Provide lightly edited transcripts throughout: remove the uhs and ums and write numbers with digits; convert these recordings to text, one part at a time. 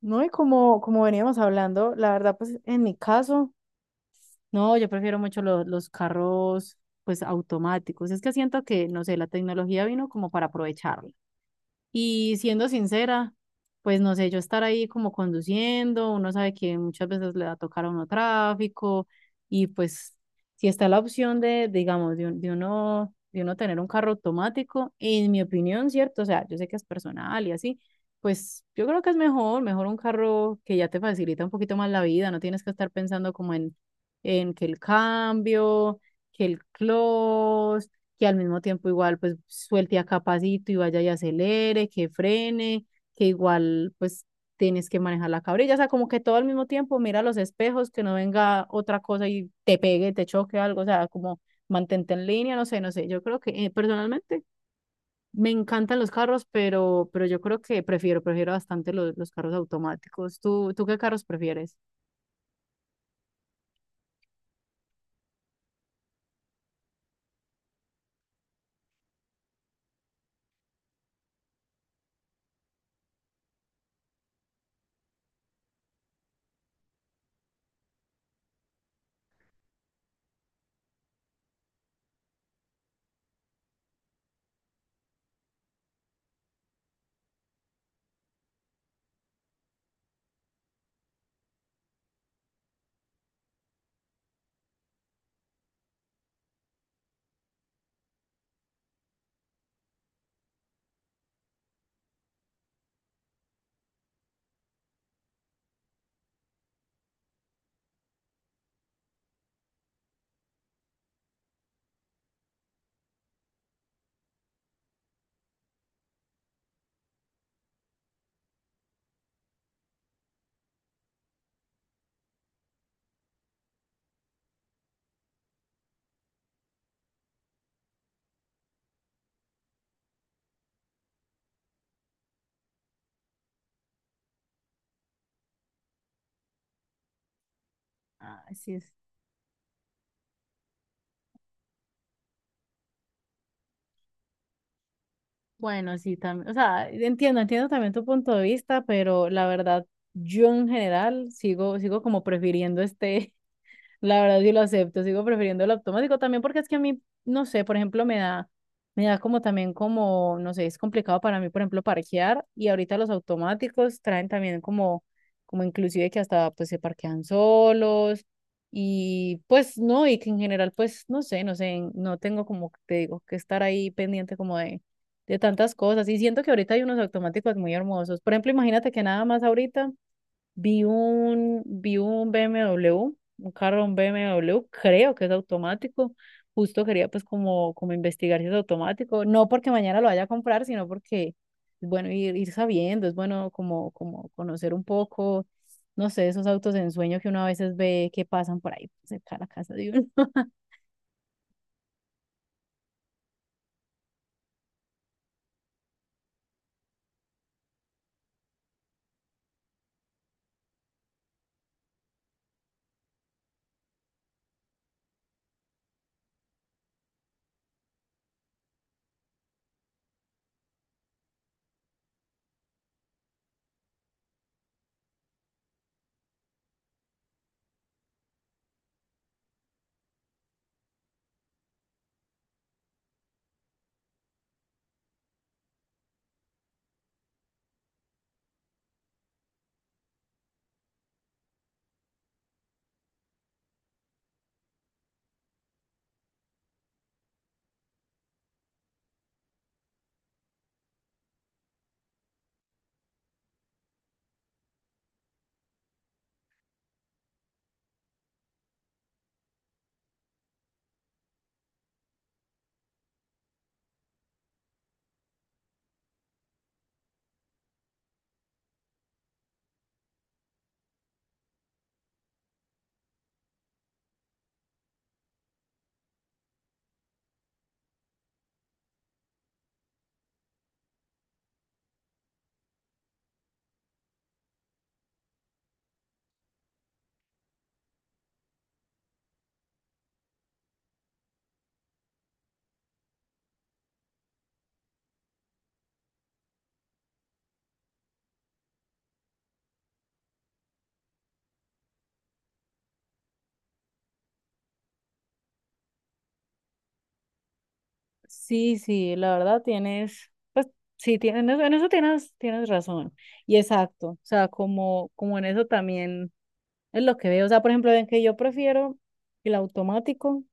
No, y como veníamos hablando, la verdad, pues en mi caso, no, yo prefiero mucho los carros, pues automáticos. Es que siento que, no sé, la tecnología vino como para aprovecharla. Y siendo sincera, pues no sé, yo estar ahí como conduciendo, uno sabe que muchas veces le va a tocar a uno tráfico y pues si está la opción de, digamos, de uno tener un carro automático, en mi opinión, cierto, o sea, yo sé que es personal y así, pues yo creo que es mejor, mejor un carro que ya te facilita un poquito más la vida, no tienes que estar pensando como en que el cambio, que el close que al mismo tiempo igual pues suelte a capacito y vaya y acelere, que frene, que igual pues tienes que manejar la cabrilla, o sea, como que todo al mismo tiempo mira los espejos, que no venga otra cosa y te pegue, te choque algo, o sea, como mantente en línea, no sé, no sé, yo creo que personalmente me encantan los carros, pero yo creo que prefiero, prefiero bastante los carros automáticos. ¿Tú qué carros prefieres? Ah, sí, es. Bueno, sí, también, o sea, entiendo, entiendo también tu punto de vista, pero la verdad, yo en general sigo, sigo como prefiriendo este, la verdad sí lo acepto, sigo prefiriendo el automático también porque es que a mí, no sé, por ejemplo, me da como también como, no sé, es complicado para mí, por ejemplo, parquear y ahorita los automáticos traen también como, como inclusive que hasta pues se parquean solos y pues no, y que en general pues no sé, no sé, no tengo como, te digo, que estar ahí pendiente como de tantas cosas y siento que ahorita hay unos automáticos muy hermosos. Por ejemplo, imagínate que nada más ahorita. Vi un BMW, un carro, un BMW, creo que es automático. Justo quería pues como, como investigar si es automático. No porque mañana lo vaya a comprar, sino porque es bueno ir, ir sabiendo, es bueno como, como conocer un poco, no sé, esos autos de ensueño que uno a veces ve que pasan por ahí pues, cerca de la casa de uno. Sí, sí, la verdad tienes, pues sí, tienes, en eso tienes, tienes razón. Y exacto, o sea, como, como en eso también. Es lo que veo. O sea, por ejemplo, ven que yo prefiero el automático.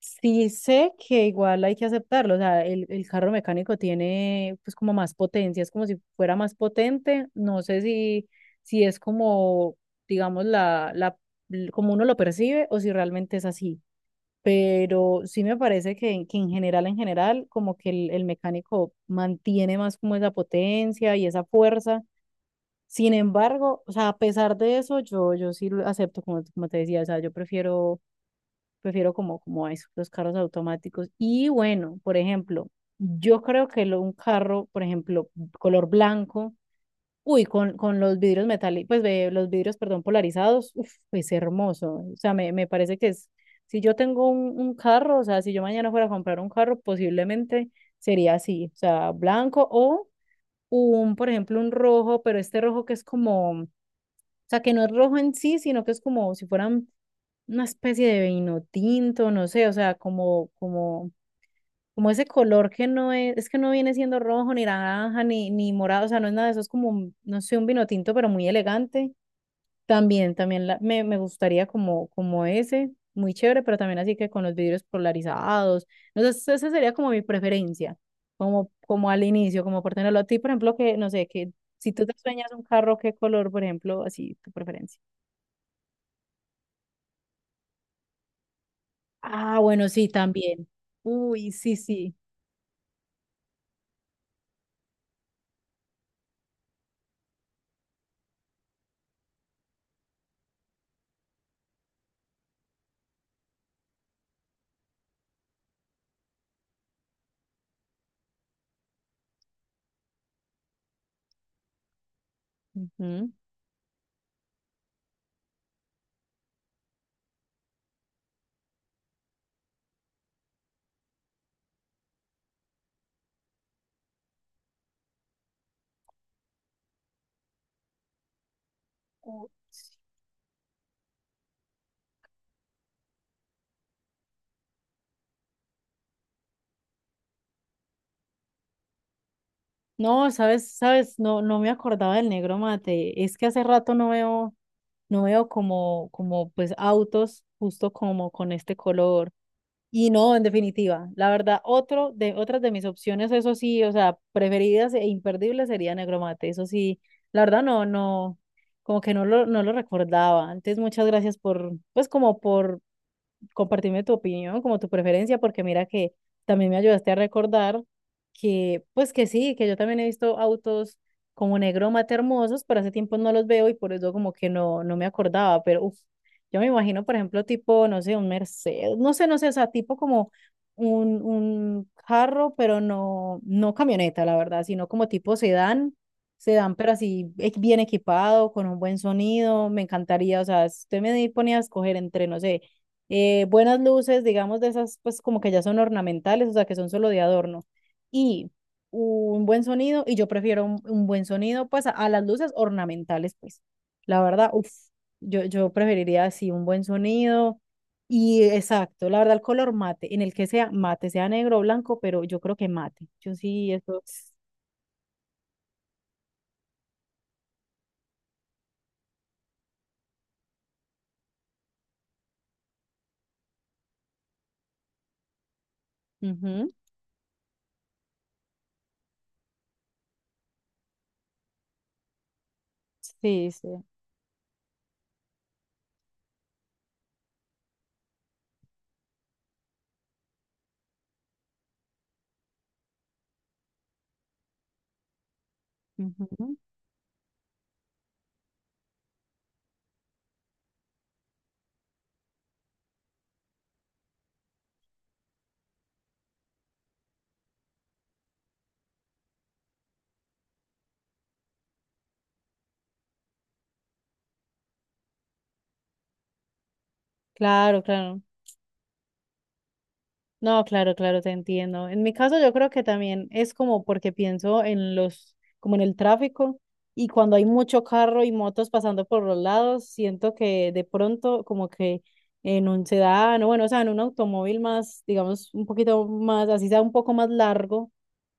Sí sé que igual hay que aceptarlo. O sea, el carro mecánico tiene pues como más potencia, es como si fuera más potente. No sé si, si es como, digamos, como uno lo percibe o si realmente es así. Pero sí me parece que en general, como que el mecánico mantiene más como esa potencia y esa fuerza. Sin embargo, o sea, a pesar de eso, yo sí lo acepto, como, como te decía, o sea, yo prefiero, prefiero como, como a eso, los carros automáticos. Y bueno, por ejemplo, yo creo que un carro, por ejemplo, color blanco, uy, con los vidrios metálicos, pues ve, los vidrios, perdón, polarizados, uf, es hermoso. O sea, me parece que es, si yo tengo un carro, o sea, si yo mañana fuera a comprar un carro, posiblemente sería así, o sea, blanco o un, por ejemplo, un rojo, pero este rojo que es como, o sea, que no es rojo en sí, sino que es como si fueran una especie de vino tinto, no sé, o sea, como ese color que no es, es que no viene siendo rojo, ni naranja, ni morado, o sea, no es nada de eso, es como, no sé, un vino tinto, pero muy elegante. También, también me gustaría como, como ese, muy chévere, pero también así que con los vidrios polarizados. Entonces, esa sería como mi preferencia, como, como al inicio, como por tenerlo a ti, por ejemplo, que, no sé, que si tú te sueñas un carro, ¿qué color, por ejemplo, así, tu preferencia? Ah, bueno, sí, también. Uy, sí, sí. Ujú. U-. No, sabes, sabes, no, no me acordaba del negro mate. Es que hace rato no veo, no veo como, como pues autos justo como con este color. Y no, en definitiva, la verdad, otro de, otras de mis opciones, eso sí, o sea, preferidas e imperdibles sería negro mate. Eso sí, la verdad no, no, como que no lo, no lo recordaba. Antes, muchas gracias por, pues como por compartirme tu opinión, como tu preferencia, porque mira que también me ayudaste a recordar que, pues que sí, que yo también he visto autos como negro mate hermosos, pero hace tiempo no los veo y por eso como que no, no me acordaba, pero uf, yo me imagino, por ejemplo, tipo, no sé, un Mercedes, no sé, no sé, o sea, tipo como un carro, pero no, no camioneta, la verdad, sino como tipo sedán, sedán, pero así bien equipado, con un buen sonido, me encantaría, o sea, si usted me ponía a escoger entre, no sé, buenas luces, digamos, de esas, pues como que ya son ornamentales, o sea, que son solo de adorno, y un buen sonido, y yo prefiero un buen sonido, pues, a las luces ornamentales, pues, la verdad, uff, yo preferiría así un buen sonido, y exacto, la verdad, el color mate, en el que sea mate, sea negro o blanco, pero yo creo que mate, yo sí, eso, ujú. Sí, sí, ujú. Claro, claro. No, claro, claro, te entiendo. En mi caso yo creo que también es como porque pienso en los, como en el tráfico y cuando hay mucho carro y motos pasando por los lados, siento que de pronto como que en un sedán o bueno, o sea, en un automóvil más, digamos, un poquito más, así sea un poco más largo,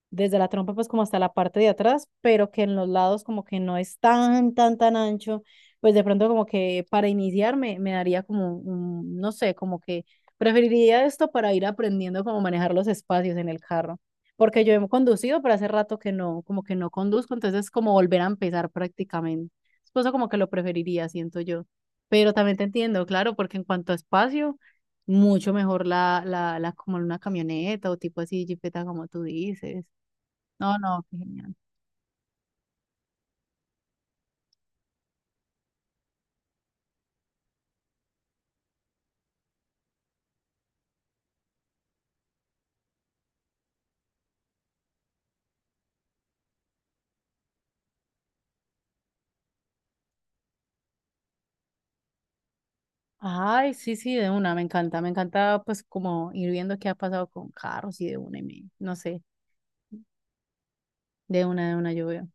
desde la trompa pues como hasta la parte de atrás, pero que en los lados como que no es tan ancho, pues de pronto como que para iniciar me, me daría como, un, no sé, como que preferiría esto para ir aprendiendo cómo manejar los espacios en el carro, porque yo he conducido, pero hace rato que no, como que no conduzco, entonces es como volver a empezar prácticamente. Pues como que lo preferiría, siento yo. Pero también te entiendo, claro, porque en cuanto a espacio mucho mejor la como una camioneta o tipo así, jipeta como tú dices. No, no, qué genial. Ay, sí, sí, de una, me encanta pues como ir viendo qué ha pasado con carros y de una y me, no sé, de una, yo veo.